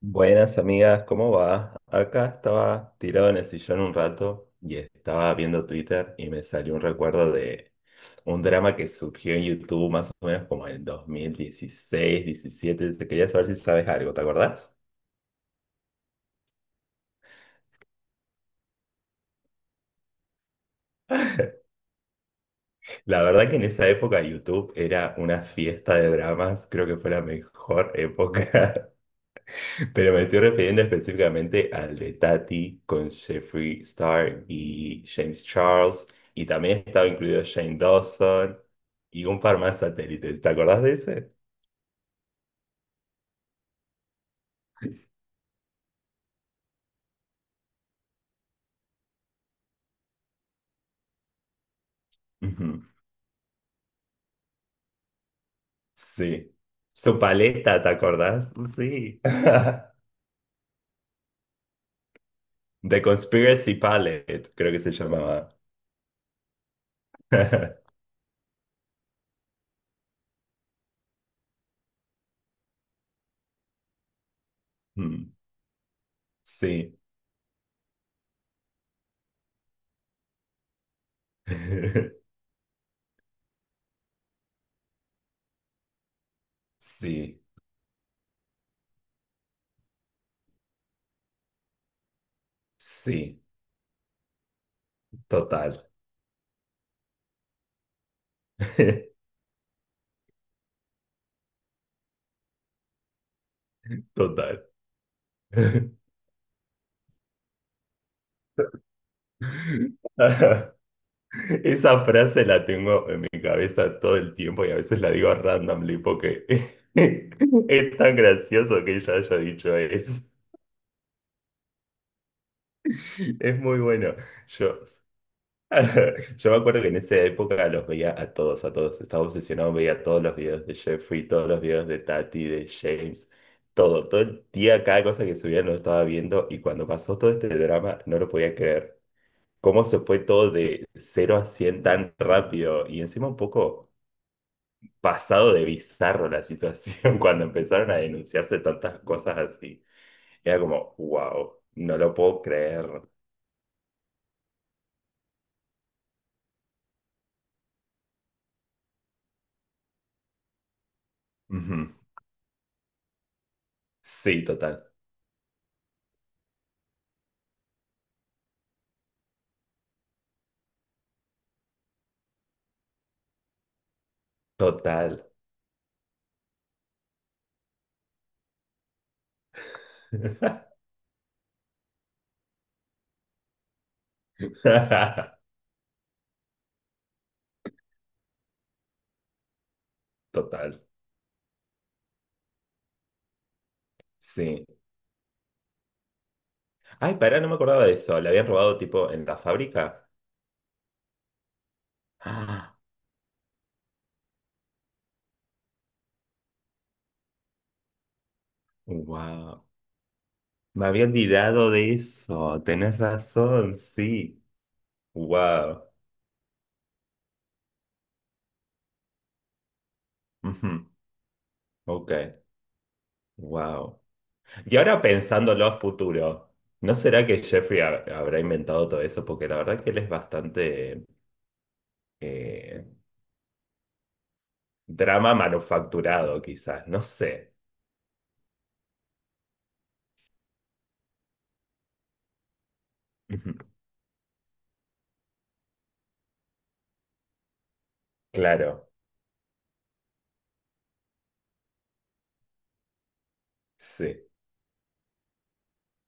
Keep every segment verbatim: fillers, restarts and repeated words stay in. Buenas amigas, ¿cómo va? Acá estaba tirado en el sillón un rato y estaba viendo Twitter y me salió un recuerdo de un drama que surgió en YouTube más o menos como en dos mil dieciséis, diecisiete. Te quería saber si sabes algo, ¿te acordás? La verdad que en esa época YouTube era una fiesta de dramas, creo que fue la mejor época. Pero me estoy refiriendo específicamente al de Tati con Jeffree Star y James Charles. Y también estaba incluido Shane Dawson y un par más satélites. ¿Te acordás de ese? Ujú. Sí. Su paleta, ¿te acordás? Sí. The Conspiracy Palette, creo que se llamaba. Mm, sí. Sí. Sí. Total. Total. Esa frase la tengo en mi cabeza todo el tiempo y a veces la digo randomly porque es tan gracioso que ella haya dicho eso. Es muy bueno. Yo, yo me acuerdo que en esa época los veía a todos, a todos. Estaba obsesionado, veía todos los videos de Jeffrey, todos los videos de Tati, de James, todo. Todo el día, cada cosa que subía lo estaba viendo y cuando pasó todo este drama no lo podía creer. Cómo se fue todo de cero a cien tan rápido y encima un poco pasado de bizarro la situación cuando empezaron a denunciarse tantas cosas así. Era como, wow, no lo puedo creer. Ujú. Sí, total, total. Total, sí. Ay, pará, no me acordaba de eso. ¿Le habían robado tipo en la fábrica? Ah, wow. Me había olvidado de eso. Tenés razón, sí. Wow. Ujú, ok, wow. Y ahora pensándolo a futuro, ¿no será que Jeffrey ha- habrá inventado todo eso? Porque la verdad que él es bastante eh, drama manufacturado, quizás, no sé. Ujú. Claro, sí,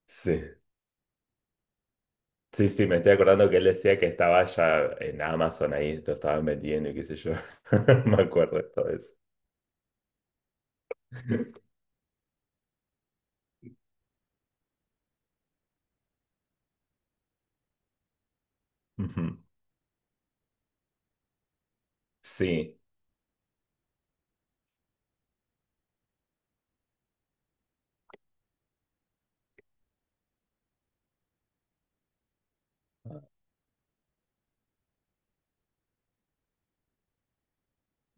sí. Sí, sí, me estoy acordando que él decía que estaba ya en Amazon ahí, lo estaban vendiendo y qué sé yo. Me acuerdo de todo eso. Ujú. Sí,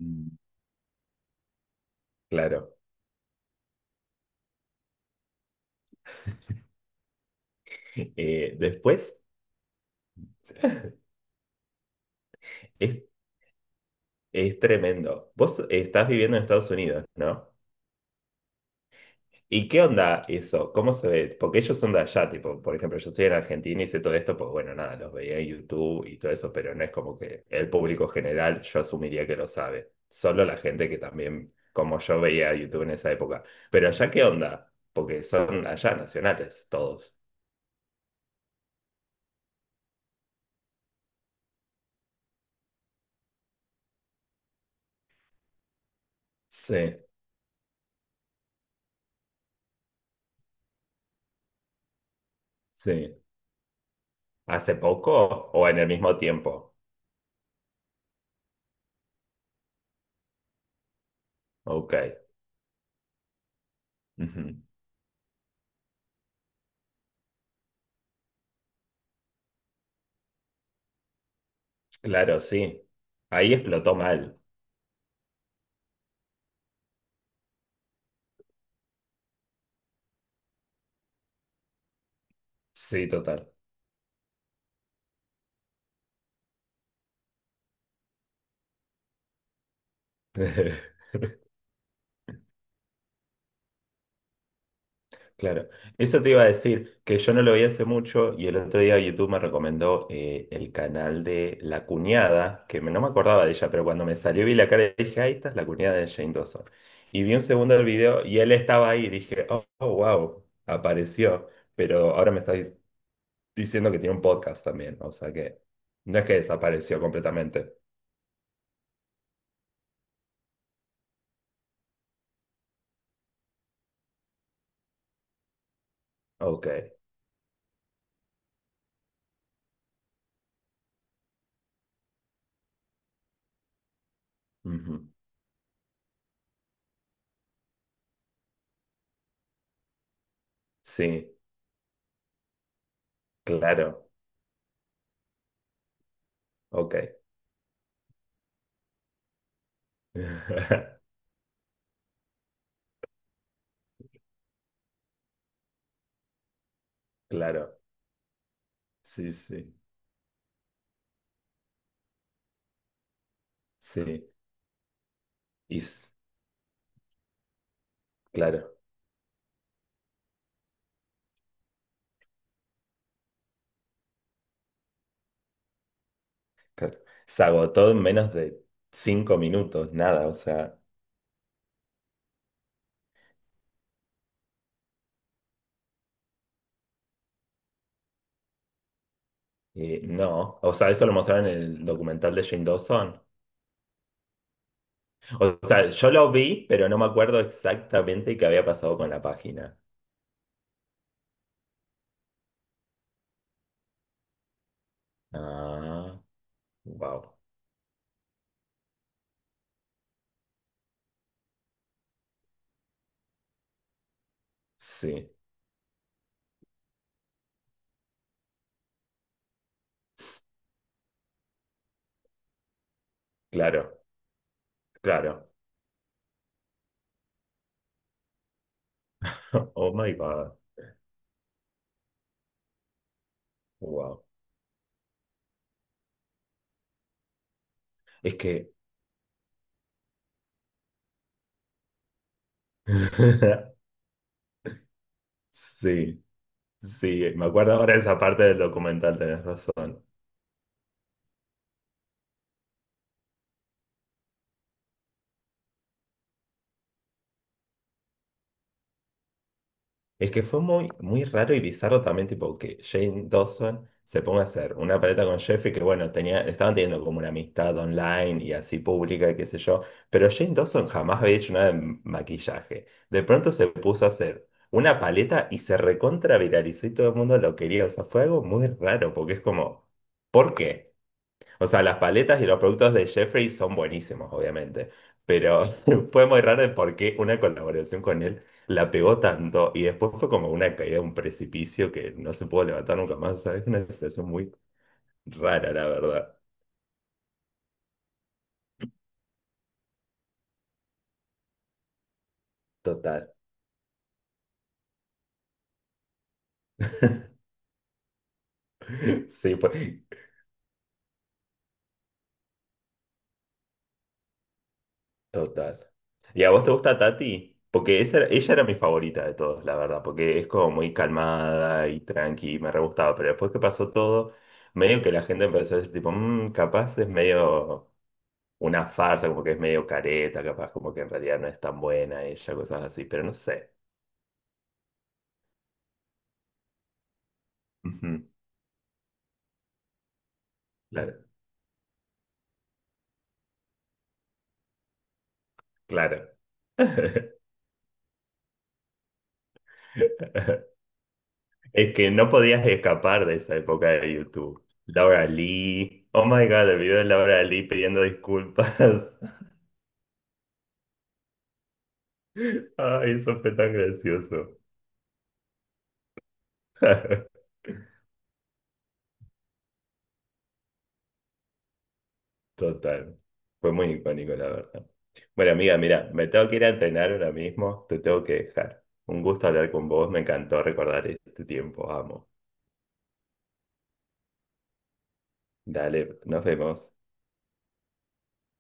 mm, claro. Eh, después, es, es tremendo. Vos estás viviendo en Estados Unidos, ¿no? ¿Y qué onda eso? ¿Cómo se ve? Porque ellos son de allá, tipo, por ejemplo, yo estoy en Argentina y sé todo esto, pues bueno, nada, los veía en YouTube y todo eso, pero no es como que el público general yo asumiría que lo sabe. Solo la gente que también, como yo veía YouTube en esa época. Pero allá, ¿qué onda? Porque son allá nacionales todos. Sí, sí. ¿Hace poco o en el mismo tiempo? Ok. Ujú. Claro, sí. Ahí explotó mal. Sí, total. Claro, eso te iba a decir, que yo no lo vi hace mucho y el otro día YouTube me recomendó eh, el canal de La Cuñada, que me- no me acordaba de ella, pero cuando me salió vi la cara y dije, ahí esta es la cuñada de Jane Dawson. Y vi un segundo del video y él estaba ahí y dije, oh, oh, wow, apareció, pero ahora me está dic- diciendo que tiene un podcast también, o sea que no es que desapareció completamente. Ok, ujú. Sí, claro, ok. Claro, sí, sí, sí. Y s- claro, claro. Se agotó en menos de cinco minutos, nada, o sea, eh, no. O sea, eso lo mostraron en el documental de Jane Dawson. O sea, yo lo vi, pero no me acuerdo exactamente qué había pasado con la página. Ah, wow. Sí, claro, claro. Oh my God, wow. Es que, sí, sí, me acuerdo ahora de esa parte del documental, tenés razón. Es que fue muy, muy raro y bizarro también, tipo, que Jane Dawson se ponga a hacer una paleta con Jeffrey, que bueno, tenía, estaban teniendo como una amistad online y así pública, y qué sé yo, pero Jane Dawson jamás había hecho nada de maquillaje. De pronto se puso a hacer una paleta y se recontra viralizó y todo el mundo lo quería. O sea, fue algo muy raro, porque es como, ¿por qué? O sea, las paletas y los productos de Jeffrey son buenísimos, obviamente, pero fue muy raro el por qué una colaboración con él la pegó tanto y después fue como una caída, un precipicio que no se pudo levantar nunca más. O sea, es una situación muy rara, la verdad. Total. Sí, fue total. ¿Y a vos te gusta Tati? Porque esa, era- ella era mi favorita de todos, la verdad, porque es como muy calmada y tranqui, y me re gustaba, pero después que pasó todo, medio que la gente empezó a decir tipo, "Mm, capaz es medio... una farsa, como que es medio careta, capaz como que en realidad no es tan buena ella, cosas así, pero no sé. Ujú, claro, claro. Es que no podías escapar de esa época de YouTube. Laura Lee. Oh my God, el video de Laura Lee pidiendo disculpas. Ay, eso fue tan gracioso. Total. Fue muy icónico, la verdad. Bueno, amiga, mira, me tengo que ir a entrenar ahora mismo. Te tengo que dejar. Un gusto hablar con vos. Me encantó recordar este tiempo. Amo. Dale, nos vemos.